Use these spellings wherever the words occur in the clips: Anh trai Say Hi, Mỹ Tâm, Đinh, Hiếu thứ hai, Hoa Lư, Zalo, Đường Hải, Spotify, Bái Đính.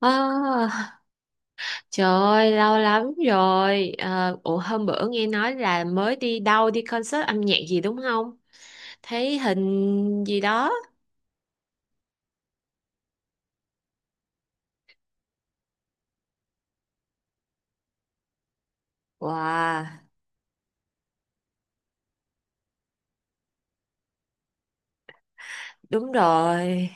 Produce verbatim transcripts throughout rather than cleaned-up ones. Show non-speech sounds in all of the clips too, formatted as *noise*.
À, trời ơi lâu lắm rồi. Ờ, Ủa, hôm bữa nghe nói là mới đi đâu, đi concert âm nhạc gì đúng không? Thấy hình gì đó. Wow, đúng rồi.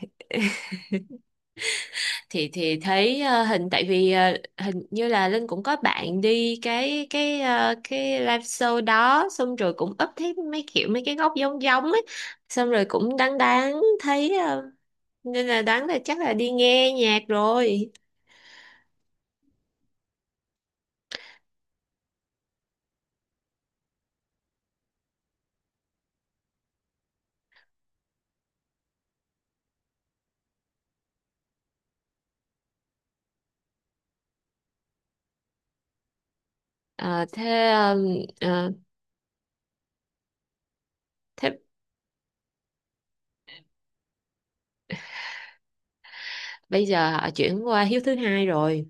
Thì thì thấy ờ, hình, tại vì ờ, hình như là Linh cũng có bạn đi cái cái ờ, cái live show đó, xong rồi cũng up thấy mấy kiểu mấy cái góc giống giống ấy. Xong rồi cũng đáng đáng thấy ờ, nên là đáng là chắc là đi nghe nhạc rồi. Ờ, thế Thế bây giờ họ chuyển qua hiếu thứ hai rồi,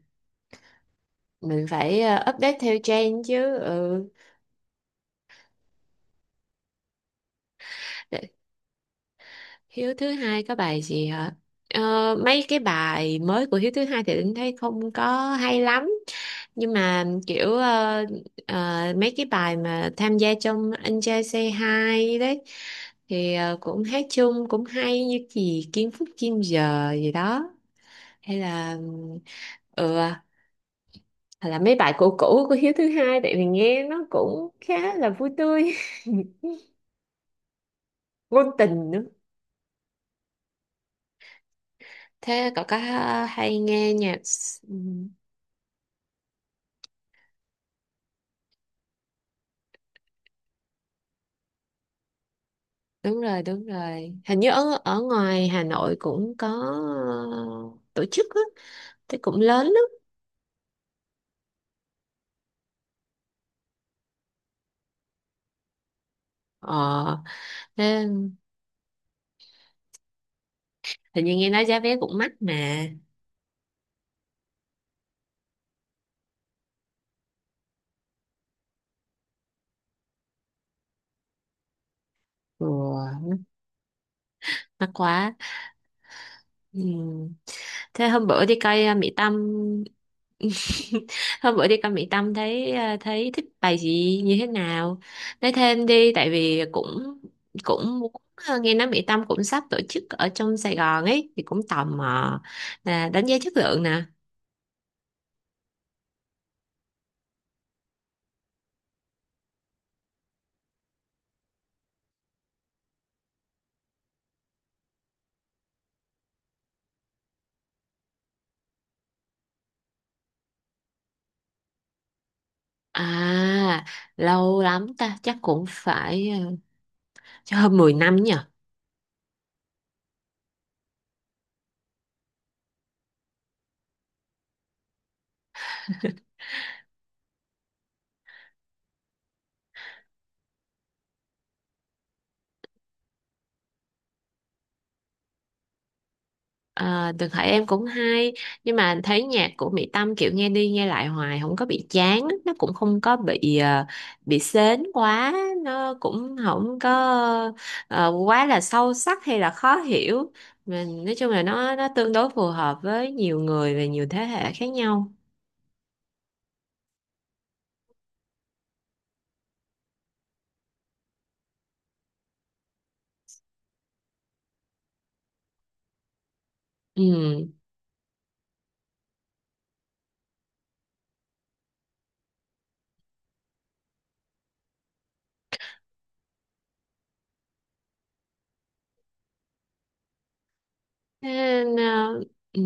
mình phải ờ, update theo trend chứ. Ừ. Để- Hiếu thứ hai có bài gì hả? Ờ, Mấy cái bài mới của Hiếu thứ hai thì Linh thấy không có hay lắm, nhưng mà kiểu ờ, ờ, mấy cái bài mà tham gia trong Anh trai Say Hi đấy, thì ờ, cũng hát chung cũng hay, như gì Kim Phúc Kim Giờ gì đó, hay là ừ, hoặc là mấy bài cũ cũ của Hiếu thứ hai, tại vì nghe nó cũng khá là vui tươi. *laughs* Ngôn tình nữa. Thế cậu có hay nghe nhạc s- ừ, đúng rồi, đúng rồi, hình như ở ở ngoài Hà Nội cũng có ờ, tổ chức á, thế cũng lớn lắm. ờ Thế, hình như nghe nói giá vé cũng mắc mà. ừ, Mắc quá. Ừ. Thế hôm bữa đi coi uh, Mỹ Tâm. *laughs* Hôm bữa đi con Mỹ Tâm thấy ờ, thấy thích bài gì, như thế nào? Nói thêm đi, tại vì cũng cũng muốn, ờ, nghe nói Mỹ Tâm cũng sắp tổ chức ở trong Sài Gòn ấy, thì cũng tò mò là đánh giá chất lượng nè. À, lâu lắm ta, chắc cũng phải ờ, cho hơn mười năm nhỉ. À, Đường Hải em cũng hay, nhưng mà thấy nhạc của Mỹ Tâm kiểu nghe đi nghe lại hoài không có bị chán, nó cũng không có bị ờ, bị sến quá, nó cũng không có ờ, quá là sâu sắc hay là khó hiểu. Mình nói chung là nó nó tương đối phù hợp với nhiều người và nhiều thế hệ khác nhau. Ừ. Thế, ờ, ừ.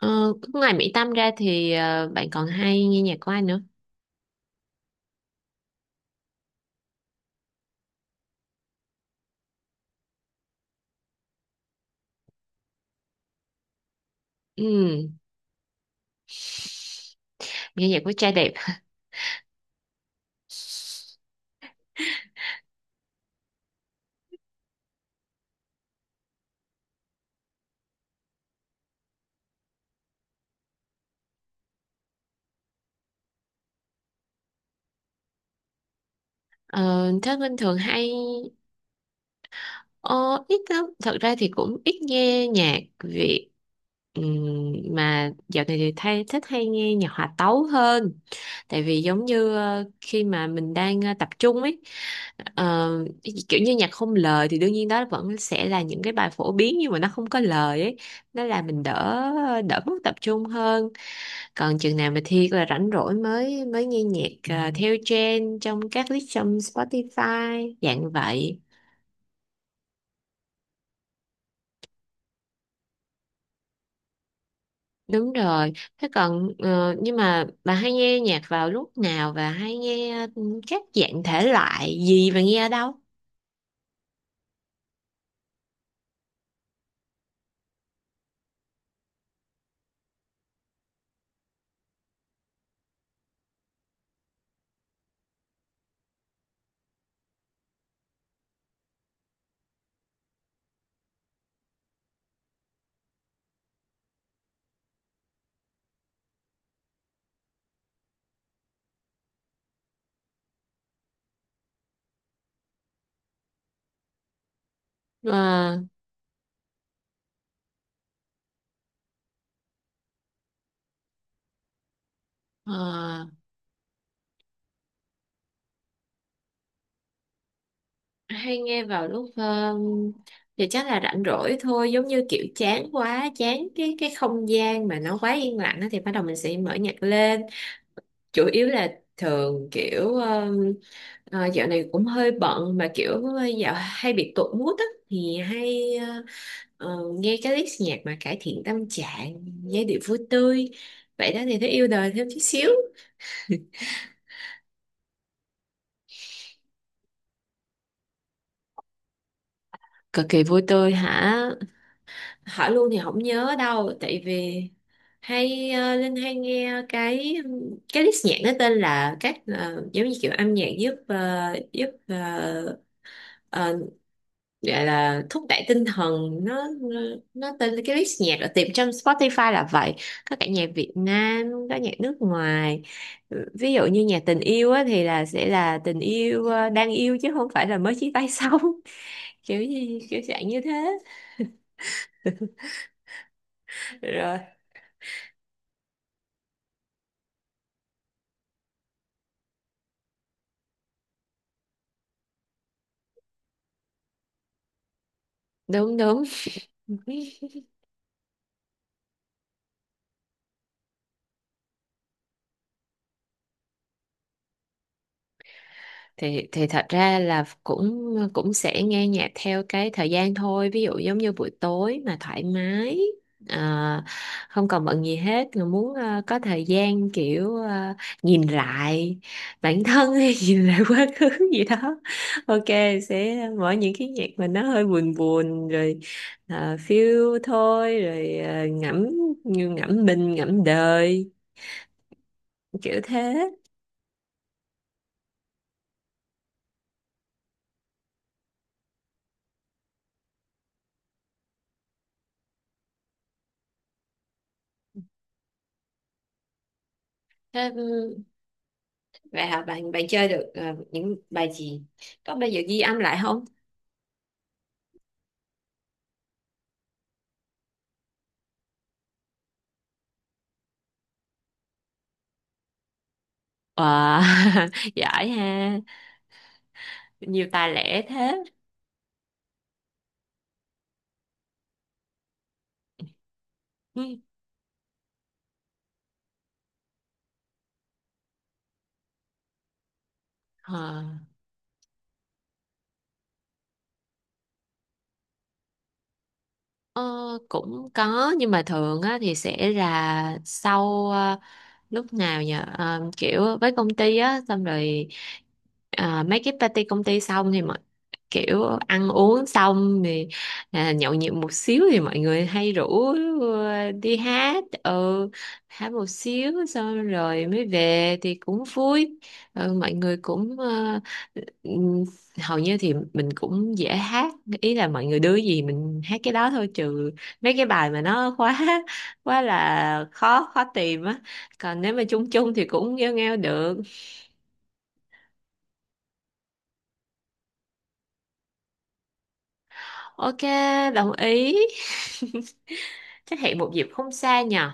Ờ, Ngoài Mỹ Tâm ra thì ờ, bạn còn hay nghe nhạc của ai nữa? Ừ. Nghe nhạc của trai đẹp. *laughs* Ờ, Thế Linh thường hay ờ, ít lắm, thật ra thì cũng ít nghe nhạc Việt. Ừm, mà dạo này thì thay thích hay nghe nhạc hòa tấu hơn, tại vì giống như ờ, khi mà mình đang ờ, tập trung ấy. ờ, Kiểu như nhạc không lời thì đương nhiên đó vẫn sẽ là những cái bài phổ biến, nhưng mà nó không có lời ấy, nó là mình đỡ đỡ mất tập trung hơn. Còn chừng nào mà Thi là rảnh rỗi mới mới nghe nhạc, ờ, theo trend trong các list trong Spotify dạng vậy. Đúng rồi. Thế còn, ờ, nhưng mà bà hay nghe nhạc vào lúc nào, và hay nghe ừ, các dạng thể loại gì, và nghe ở đâu? Ờ, ờ. Hay nghe vào lúc um, thì chắc là rảnh rỗi thôi, giống như kiểu chán quá chán cái cái không gian mà nó quá yên lặng á, thì bắt đầu mình sẽ mở nhạc lên. Chủ yếu là thường kiểu um, ờ, dạo này cũng hơi bận, mà kiểu dạo hay bị tụt mood á thì hay ờ, ờ, nghe cái list nhạc mà cải thiện tâm trạng, giai điệu vui tươi vậy đó, thì thấy yêu đời thêm chút xíu. Cực kỳ vui tươi hả? Hỏi luôn thì không nhớ đâu, tại vì hay, ờ, Linh hay nghe cái cái list nhạc, nó tên là các, ờ, giống như kiểu âm nhạc giúp, ờ, giúp ờ, ờ, gọi là thúc đẩy tinh thần, nó nó nó tên là cái list nhạc ở tìm trong Spotify là vậy. Có cả nhạc Việt Nam, có nhạc nước ngoài. Ừ, ví dụ như nhạc tình yêu á, thì là sẽ là tình yêu, ờ, đang yêu, chứ không phải là mới chia tay xong. *laughs* Kiểu gì kiểu dạng như thế. Rồi, đúng đúng. Thì thì thật ra là cũng cũng sẽ nghe nhạc theo cái thời gian thôi, ví dụ giống như buổi tối mà thoải mái, à, không còn bận gì hết mà muốn, à, có thời gian kiểu, à, nhìn lại bản thân hay *laughs* nhìn lại quá khứ *laughs* gì đó. Ok, sẽ mở những cái nhạc mà nó hơi buồn buồn rồi, à, phiêu thôi rồi, à, ngẫm, như ngẫm mình ngẫm đời kiểu thế. Thế, vậy hả? Bạn bạn chơi được ờ, những bài gì? Có bao giờ ghi âm lại không? Wow, *laughs* giỏi ha, nhiều tài lẻ thế. Ừ. Ờ, ờ, Cũng có, nhưng mà thường á, thì sẽ là sau, ờ, lúc nào nhờ, Ờ, kiểu với công ty á, xong rồi ờ, mấy cái party công ty xong, thì mọi kiểu ăn uống xong thì, à, nhậu nhẹt một xíu, thì mọi người hay rủ ờ, đi hát. Ừ, hát một xíu xong rồi mới về thì cũng vui. Ừ, mọi người cũng ờ, ừm, hầu như thì mình cũng dễ hát, ý là mọi người đưa gì mình hát cái đó thôi, trừ mấy cái bài mà nó quá *laughs* quá là khó, khó tìm á. Còn nếu mà chung chung thì cũng nghêu nghêu được. Ok, đồng ý. *laughs* Chắc hẹn một dịp không xa nhờ.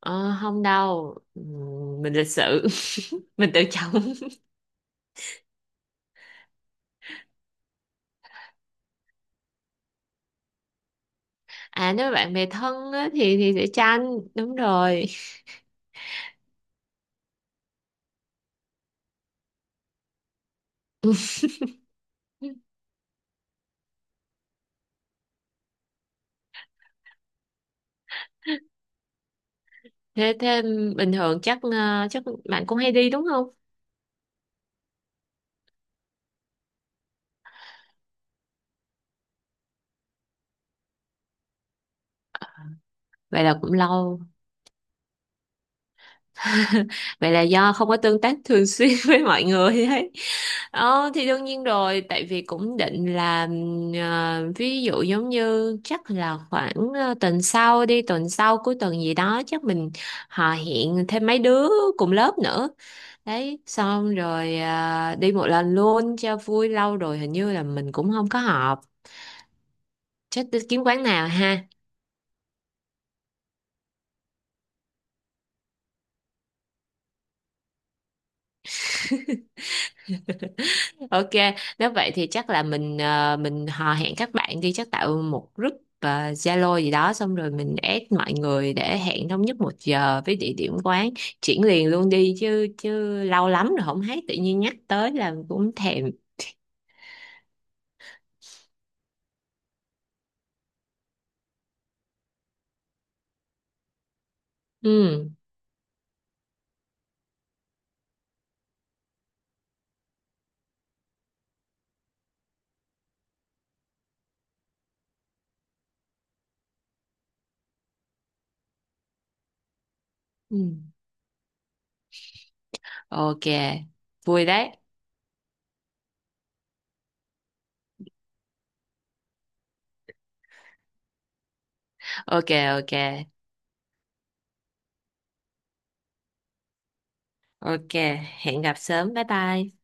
ờ, Không đâu. Ừm, mình lịch sự. *laughs* Mình tự trọng. À, nếu mà bạn bè thân á, thì thì sẽ tranh đúng rồi. *laughs* thế thế bình thường chắc, ờ, chắc bạn cũng hay đi đúng không? Vậy là cũng lâu. *laughs* Vậy là do không có tương tác thường xuyên *laughs* với mọi người ấy. Ờ, thì đương nhiên rồi, tại vì cũng định là, ừm, ờ, ví dụ giống như chắc là khoảng ờ, tuần sau đi, tuần sau cuối tuần gì đó chắc mình họ hẹn thêm mấy đứa cùng lớp nữa. Đấy, xong rồi ờ, đi một lần luôn cho vui, lâu rồi hình như là mình cũng không có họp. Chắc đi kiếm quán nào ha. Ok, nếu vậy thì chắc là mình ờ, mình hò hẹn các bạn đi, chắc tạo một group ờ, Zalo gì đó, xong rồi mình add mọi người để hẹn thống nhất một giờ với địa điểm quán. Chuyển liền luôn đi chứ, chứ lâu lắm rồi không thấy, tự nhiên nhắc tới là cũng thèm. Ừ. Ừ. Ok, vui đấy. Ok, ok. Ok, hẹn gặp sớm. Bye bye.